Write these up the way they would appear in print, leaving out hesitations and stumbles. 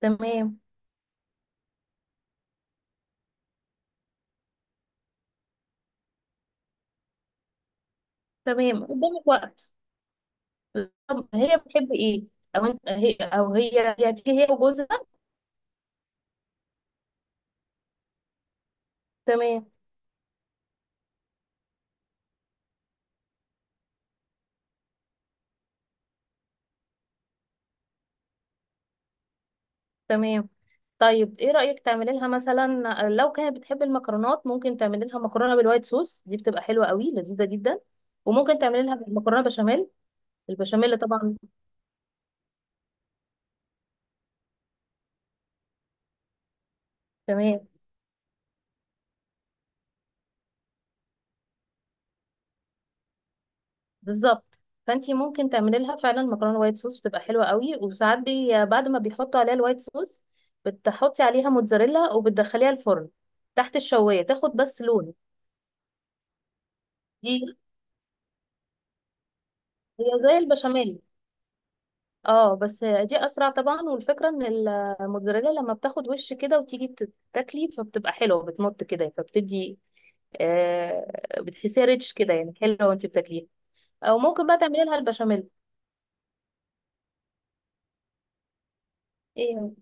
تمام. تمام، قدامك وقت. طب هي بتحب ايه؟ او انت هي او هي هتيجي هي وجوزها. تمام. تمام، طيب ايه رأيك تعملي لها مثلا؟ لو كانت بتحب المكرونات، ممكن تعملي لها مكرونة بالوايت صوص، دي بتبقى حلوة قوي، لذيذة جدا. وممكن تعملي لها مكرونة بشاميل. البشاميل طبعا. تمام، بالظبط. فانتي ممكن تعملي لها فعلا مكرونه وايت صوص، بتبقى حلوه قوي، وساعات بعد ما بيحطوا عليها الوايت صوص بتحطي عليها موتزاريلا وبتدخليها الفرن تحت الشوايه، تاخد بس لون. دي هي زي البشاميل. اه، بس دي اسرع طبعا، والفكره ان الموتزاريلا لما بتاخد وش كده وتيجي تاكلي، فبتبقى حلوه، بتمط كده، فبتدي آه، بتحسيها ريتش كده، يعني حلوه وانت بتاكليها. او ممكن بقى تعملي لها البشاميل. ايه.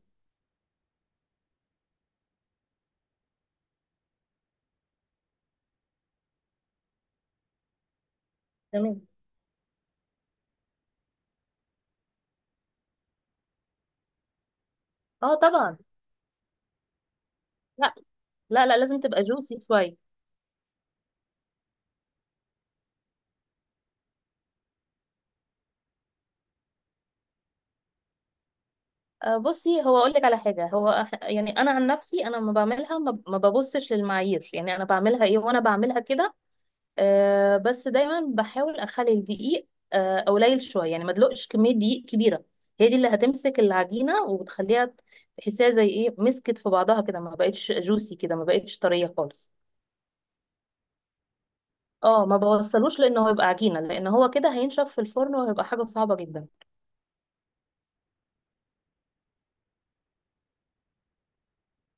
تمام، اه طبعا. لا، لا، لا، لازم تبقى جوسي شويه. بصي، هو اقول لك على حاجه، يعني انا عن نفسي، انا ما بعملها، ما ببصش للمعايير، يعني انا بعملها ايه وانا بعملها كده. أه، بس دايما بحاول اخلي الدقيق قليل شويه، يعني ما ادلقش كميه دقيق كبيره. هي دي اللي هتمسك العجينه وبتخليها تحسيها زي ايه مسكت في بعضها كده، ما بقتش جوسي كده، ما بقتش طريه خالص. اه، ما بوصلوش، لانه هيبقى عجينه، لان هو كده هينشف في الفرن وهيبقى حاجه صعبه جدا.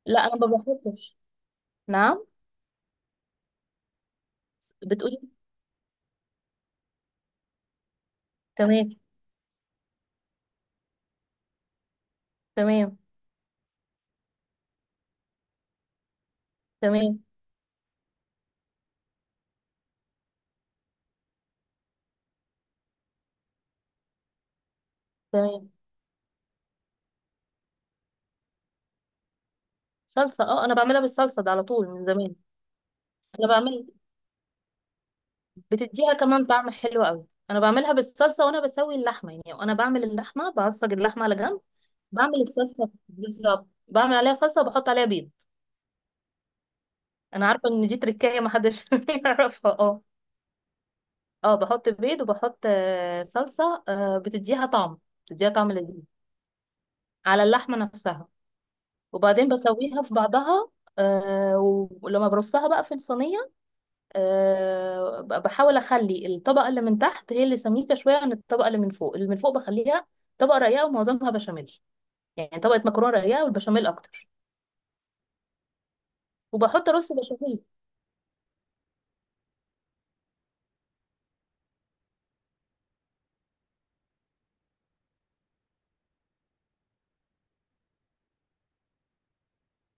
لا، انا ما بحطش. نعم. بتقولي. تمام. تمام. تمام. تمام. صلصة، اه انا بعملها بالصلصة ده على طول من زمان. انا بعمل، بتديها كمان طعم حلو قوي، انا بعملها بالصلصة، وانا بسوي اللحمة يعني، وانا بعمل اللحمة بعصج اللحمة على جنب، بعمل الصلصة، بالظبط، بعمل عليها صلصة وبحط عليها بيض. انا عارفة ان دي تركاية ما حدش يعرفها، اه. اه، بحط بيض وبحط صلصة، بتديها طعم. بتديها طعم لذيذ على اللحمة نفسها. وبعدين بسويها في بعضها، ولما برصها بقى في الصينية، أه بحاول اخلي الطبقه اللي من تحت هي اللي سميكه شويه عن الطبقه اللي من فوق، اللي من فوق بخليها طبقه رقيقه ومعظمها بشاميل، يعني طبقه مكرونه رقيقه والبشاميل اكتر. وبحط رز بشاميل.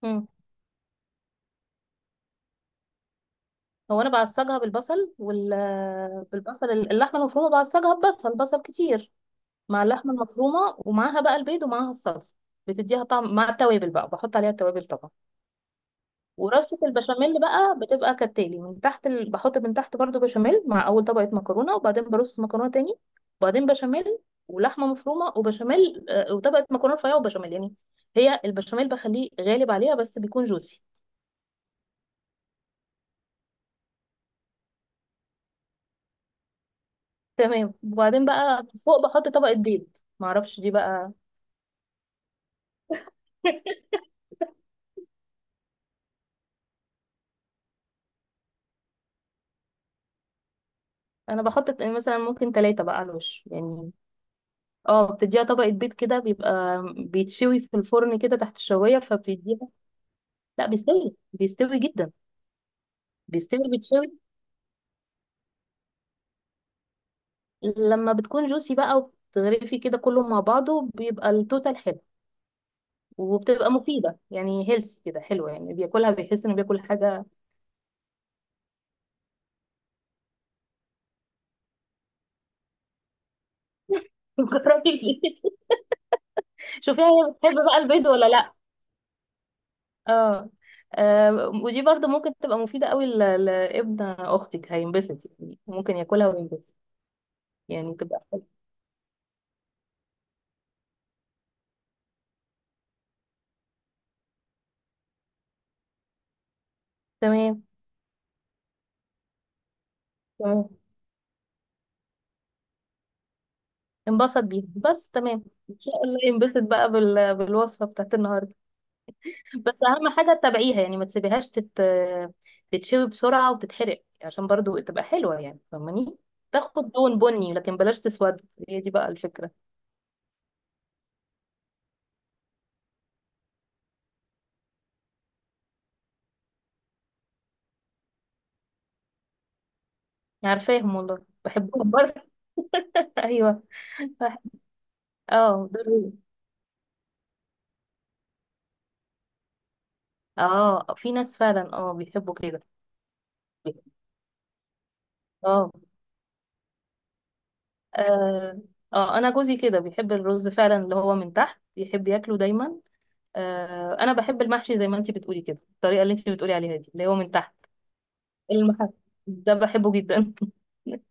مم. هو انا بعصجها بالبصل بالبصل، اللحمه المفرومه بعصجها ببصل، بصل كتير مع اللحمه المفرومه، ومعاها بقى البيض ومعاها الصلصه، بتديها طعم مع التوابل، بقى بحط عليها التوابل طبعا. ورصة البشاميل بقى بتبقى كالتالي، من تحت بحط من تحت برضو بشاميل مع أول طبقة مكرونة، وبعدين برص مكرونة تاني، وبعدين بشاميل، ولحمة مفرومة وبشاميل، وطبقة مكرونة رفيعة وبشاميل يعني. هي البشاميل بخليه غالب عليها بس بيكون جوسي. تمام. وبعدين بقى فوق بحط طبقة بيض، معرفش دي بقى. أنا بحط مثلا ممكن 3 بقى على الوش يعني. اه، بتديها طبقة بيض كده، بيبقى بيتشوي في الفرن كده تحت الشواية فبيديها. لا، بيستوي، بيستوي جدا. بيستوي، بيتشوي. لما بتكون جوسي بقى وبتغرفي كده كله مع بعضه، بيبقى التوتال حلو. وبتبقى مفيدة، يعني هيلثي كده، حلوة، يعني بياكلها بيحس انه بياكل حاجة. جربي. شوفيها هي بتحب بقى البيض ولا لا. اه. آه، ودي برضو ممكن تبقى مفيدة قوي لابن اختك، هينبسط يعني، ممكن ياكلها وينبسط. يعني تبقى حلوة. تمام. تمام، انبسط بيها بس، تمام. ان شاء الله ينبسط بقى بالوصفة بتاعت النهاردة. بس اهم حاجه تتابعيها، يعني ما تسيبيهاش تتشوي بسرعه وتتحرق، عشان برضو تبقى حلوه، يعني فاهماني. تاخد لون بني لكن بلاش تسود، هي دي بقى الفكره. عارفاهم والله، بحبهم برضه. ايوه. بح- اه دول، اه في ناس فعلا اه بيحبوا كده. اه. اه. آه، انا جوزي كده بيحب الرز فعلا اللي هو من تحت، يحب ياكله دايما. آه، انا بحب المحشي زي ما انتي بتقولي كده، الطريقه اللي انتي بتقولي عليها دي اللي هو من تحت. المحشي ده بحبه جدا.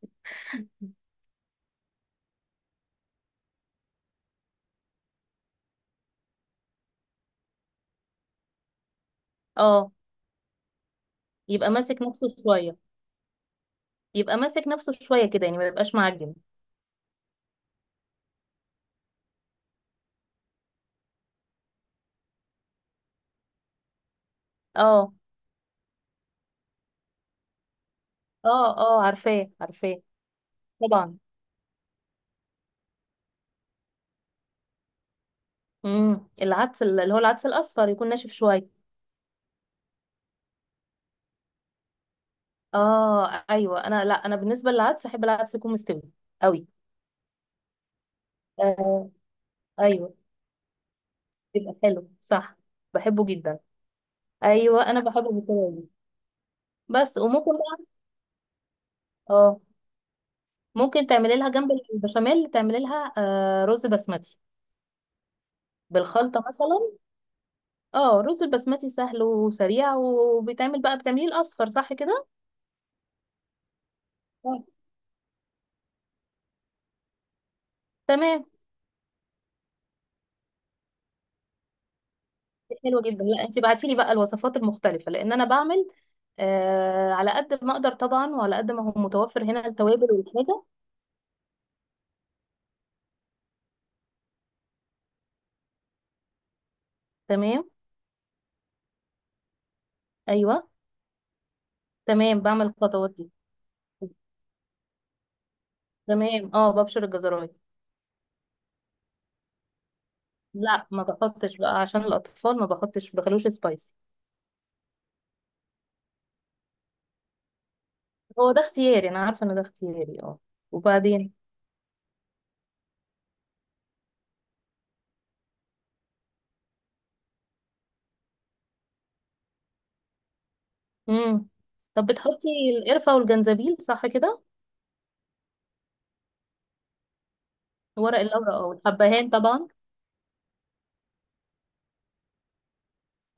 اه، يبقى ماسك نفسه شوية. يبقى ماسك نفسه شوية كده، يعني ما يبقاش معجن. اه. اه. اه، عارفاه، عارفاه. طبعا. العدس اللي هو العدس الأصفر يكون ناشف شوية. اه، ايوه، انا لا انا بالنسبة للعدس احب العدس يكون مستوي قوي. آه، ايوه، يبقى حلو، صح، بحبه جدا. ايوه انا بحبه بالطريقة دي. بس، وممكن بقى، اه ممكن تعملي لها جنب البشاميل، تعملي لها آه رز بسمتي بالخلطة مثلا. اه الرز البسمتي سهل وسريع، وبيتعمل بقى، بتعمليه الاصفر صح كده. آه. تمام. دي حلوه جدا، لا انت بعتي لي بقى الوصفات المختلفه، لان انا بعمل آه على قد ما اقدر طبعا، وعلى قد ما هو متوفر هنا التوابل والحاجه. تمام. ايوه. تمام، بعمل الخطوات دي. تمام، اه ببشر الجزرايه. لا، ما بحطش بقى عشان الاطفال، ما بحطش، ما بخلوش سبايسي. هو ده اختياري، انا عارفه ان ده اختياري، اه. وبعدين، امم طب بتحطي القرفه والجنزبيل صح كده، ورق اللورا، اه، والحبهان طبعا.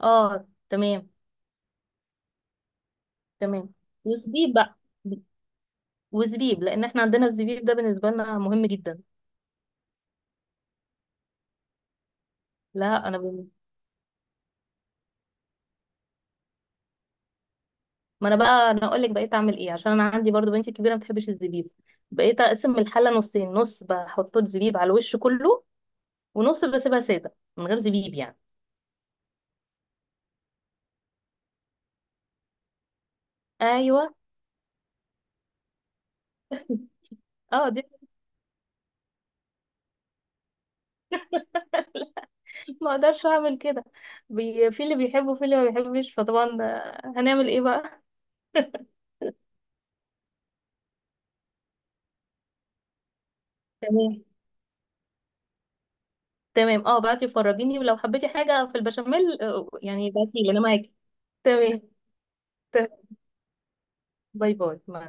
اه، تمام. تمام، وزبيب بقى. وزبيب، لان احنا عندنا الزبيب ده بالنسبه لنا مهم جدا. لا، ما انا بقى انا اقول لك بقيت اعمل ايه، عشان انا عندي برضو بنتي كبيره ما بتحبش الزبيب، بقيت اقسم الحله نصين، نص بحط زبيب على الوش كله، ونص بسيبها ساده من غير زبيب يعني. ايوه. اه دي. ما اقدرش اعمل كده، في اللي بيحبه وفي اللي ما بيحبش، فطبعا هنعمل ايه بقى. تمام. تمام، اه بعتي وفرجيني، ولو حبيتي حاجة في البشاميل، يعني بعتيلي، انا معاكي. تمام. تمام، باي باي.